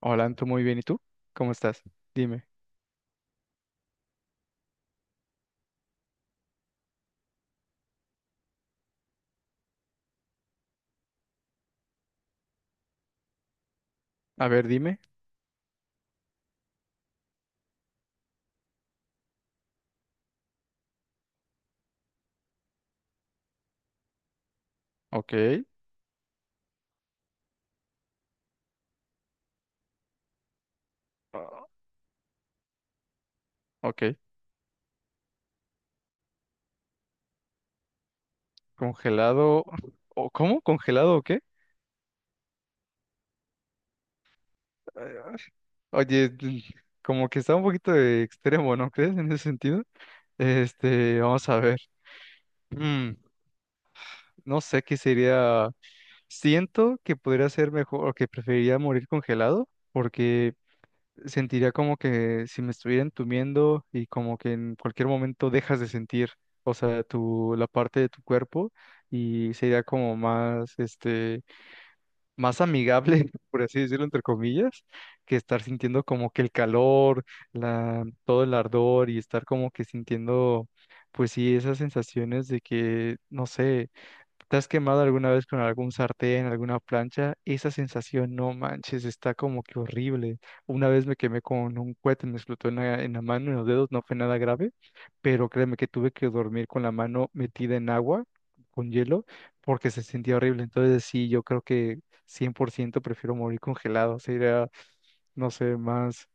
Hola, Anto, muy bien. ¿Y tú? ¿Cómo estás? Dime. A ver, dime. Ok. Ah, ok. Congelado. ¿O cómo? ¿Congelado o qué? Ah, oye, como que está un poquito de extremo, ¿no crees? En ese sentido. Vamos a ver. Mm, no sé qué sería. Siento que podría ser mejor o que preferiría morir congelado porque sentiría como que si me estuviera entumiendo y como que en cualquier momento dejas de sentir, o sea, la parte de tu cuerpo y sería como más, más amigable, por así decirlo, entre comillas, que estar sintiendo como que el calor, todo el ardor y estar como que sintiendo, pues sí, esas sensaciones de que, no sé. ¿Te has quemado alguna vez con algún sartén, alguna plancha? Esa sensación, no manches, está como que horrible. Una vez me quemé con un cohete, me explotó en la mano, en los dedos, no fue nada grave, pero créeme que tuve que dormir con la mano metida en agua, con hielo, porque se sentía horrible. Entonces sí, yo creo que 100% prefiero morir congelado, sería, no sé, más,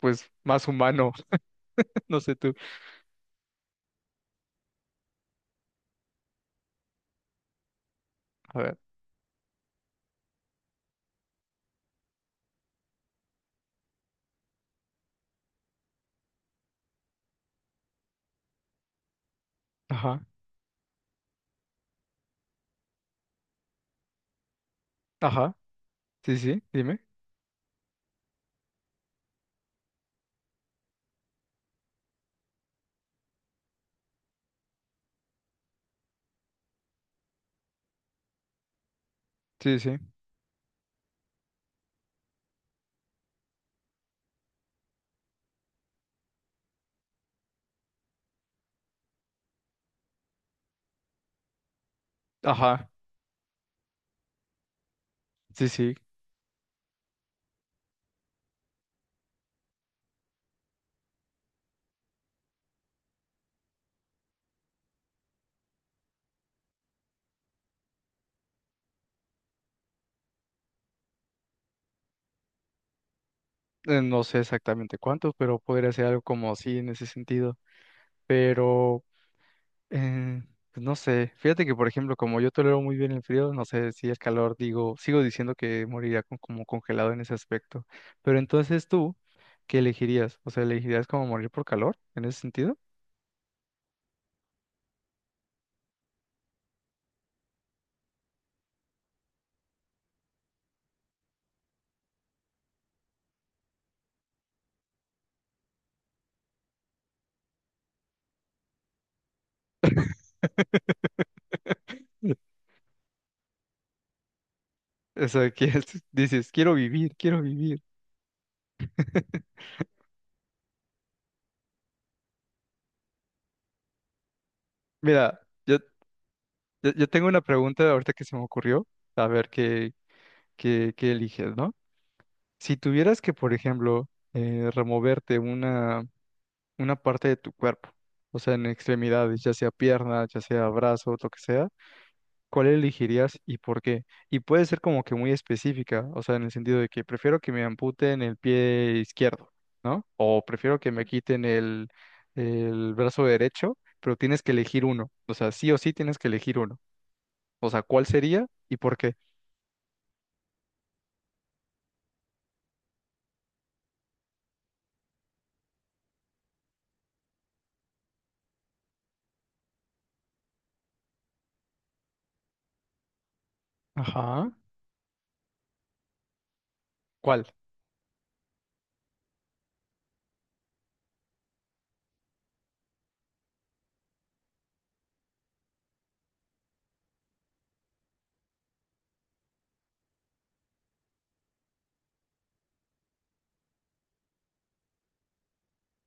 pues, más humano, no sé tú. A ver, ajá, ajá, sí, sí, dime, sí, sí, ajá, sí, sí. No sé exactamente cuántos, pero podría ser algo como así en ese sentido. Pero, eh, pues no sé, fíjate que por ejemplo, como yo tolero muy bien el frío, no sé si el calor, digo, sigo diciendo que moriría como congelado en ese aspecto. Pero entonces tú, ¿qué elegirías? O sea, ¿elegirías como morir por calor en ese sentido? O sea, que dices, quiero vivir, quiero vivir. Mira, yo, yo tengo una pregunta ahorita que se me ocurrió, a ver qué eliges, ¿no? Si tuvieras que, por ejemplo, removerte una parte de tu cuerpo, o sea, en extremidades, ya sea pierna, ya sea brazo, lo que sea, ¿cuál elegirías y por qué? Y puede ser como que muy específica, o sea, en el sentido de que prefiero que me amputen el pie izquierdo, ¿no? O prefiero que me quiten el brazo derecho, pero tienes que elegir uno, o sea, sí o sí tienes que elegir uno. O sea, ¿cuál sería y por qué? Ajá, ¿cuál?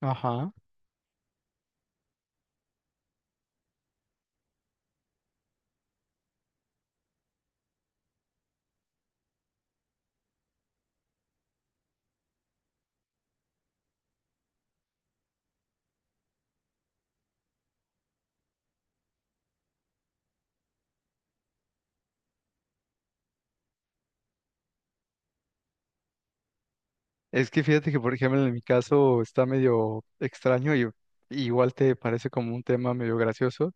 Ajá. Es que fíjate que, por ejemplo, en mi caso está medio extraño y igual te parece como un tema medio gracioso,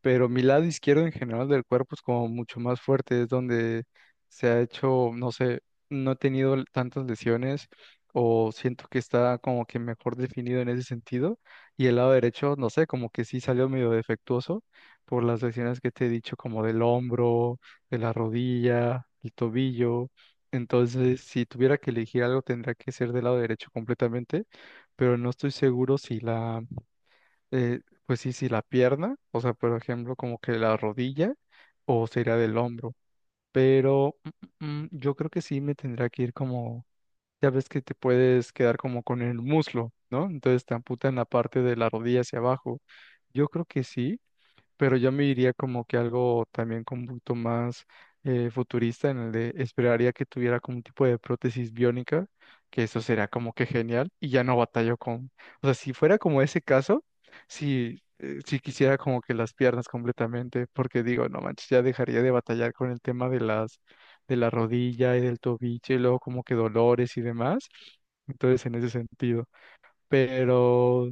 pero mi lado izquierdo en general del cuerpo es como mucho más fuerte, es donde se ha hecho, no sé, no he tenido tantas lesiones o siento que está como que mejor definido en ese sentido y el lado derecho, no sé, como que sí salió medio defectuoso por las lesiones que te he dicho como del hombro, de la rodilla, el tobillo. Entonces, si tuviera que elegir algo, tendría que ser del lado derecho completamente, pero no estoy seguro si la, eh, pues sí, si la pierna, o sea, por ejemplo, como que la rodilla o sería del hombro, pero yo creo que sí me tendría que ir como, ya ves que te puedes quedar como con el muslo, ¿no? Entonces te amputan la parte de la rodilla hacia abajo. Yo creo que sí, pero yo me iría como que algo también como un poquito más futurista, en el de esperaría que tuviera como un tipo de prótesis biónica, que eso sería como que genial, y ya no batallo con, o sea, si fuera como ese caso, si, si quisiera como que las piernas completamente, porque digo, no manches, ya dejaría de batallar con el tema de las, de la rodilla y del tobillo, y luego como que dolores y demás, entonces en ese sentido, pero...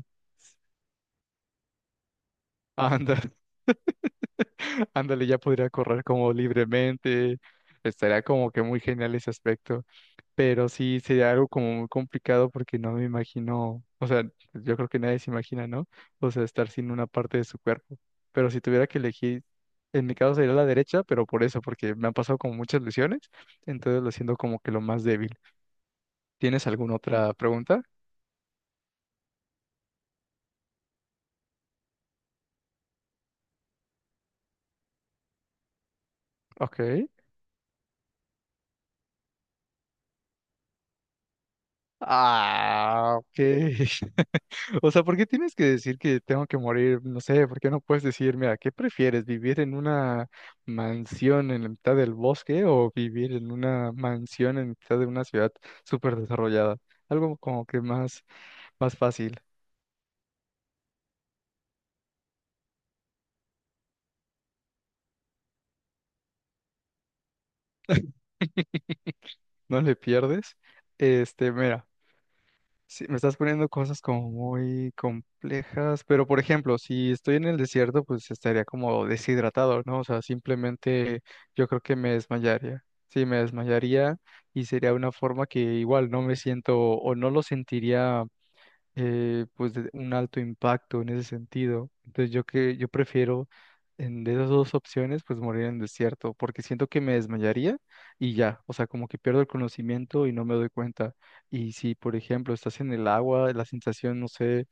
Anda. Ándale, ya podría correr como libremente. Estaría como que muy genial ese aspecto. Pero sí sería algo como muy complicado porque no me imagino, o sea, yo creo que nadie se imagina, ¿no? O sea, estar sin una parte de su cuerpo. Pero si tuviera que elegir, en mi caso sería la derecha, pero por eso, porque me han pasado como muchas lesiones, entonces lo siento como que lo más débil. ¿Tienes alguna otra pregunta? Ok. Ah, ok. O sea, ¿por qué tienes que decir que tengo que morir? No sé, ¿por qué no puedes decir, mira, ¿qué prefieres? ¿Vivir en una mansión en la mitad del bosque o vivir en una mansión en mitad de una ciudad súper desarrollada? Algo como que más, más fácil. No le pierdes. Este, mira. Sí, me estás poniendo cosas como muy complejas, pero por ejemplo, si estoy en el desierto, pues estaría como deshidratado, ¿no? O sea, simplemente yo creo que me desmayaría. Sí, me desmayaría y sería una forma que igual no me siento o no lo sentiría pues de un alto impacto en ese sentido. Entonces yo que yo prefiero en, de esas dos opciones pues morir en el desierto porque siento que me desmayaría y ya, o sea, como que pierdo el conocimiento y no me doy cuenta. Y si por ejemplo estás en el agua, la sensación, no sé,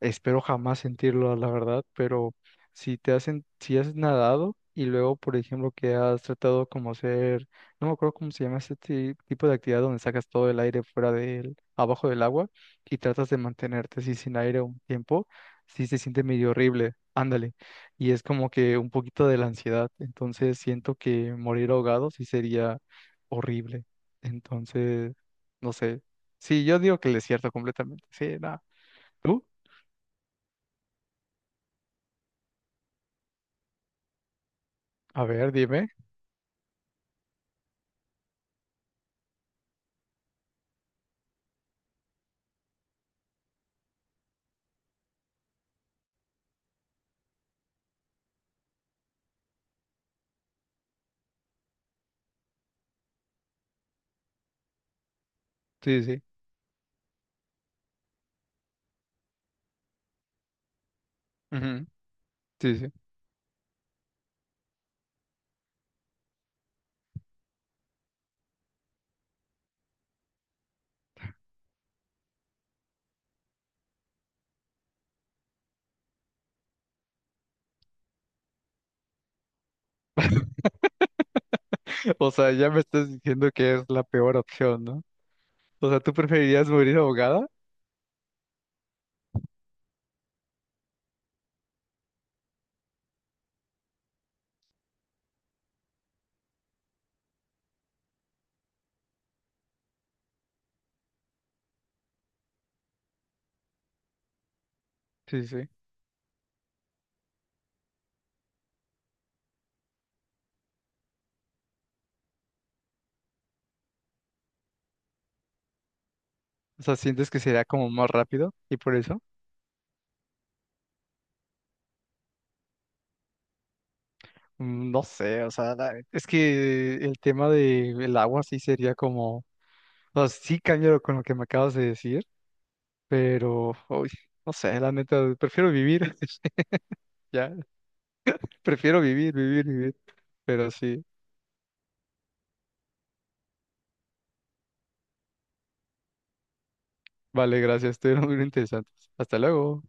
espero jamás sentirlo, la verdad, pero si te hacen, si has nadado y luego, por ejemplo, que has tratado como hacer, no me acuerdo cómo se llama este tipo de actividad donde sacas todo el aire fuera del, abajo del agua y tratas de mantenerte así sin aire un tiempo, sí se siente medio horrible, ándale. Y es como que un poquito de la ansiedad, entonces siento que morir ahogado sí sería horrible. Entonces, no sé. Sí, yo digo que el desierto completamente. Sí, nada. A ver, dime. Sí, sí. Ujú, sí, sí. O sea, ya me estás diciendo que es la peor opción, ¿no? O sea, ¿tú preferirías morir ahogada? Sí, sí. O sea, ¿sientes que sería como más rápido y por eso? No sé, o sea, es que el tema del agua sí sería como, o sea, sí cambio con lo que me acabas de decir, pero, uy, no sé, la neta, prefiero vivir, ya, prefiero vivir, vivir, vivir, pero sí, vale, gracias, estuvieron muy interesantes. Hasta luego.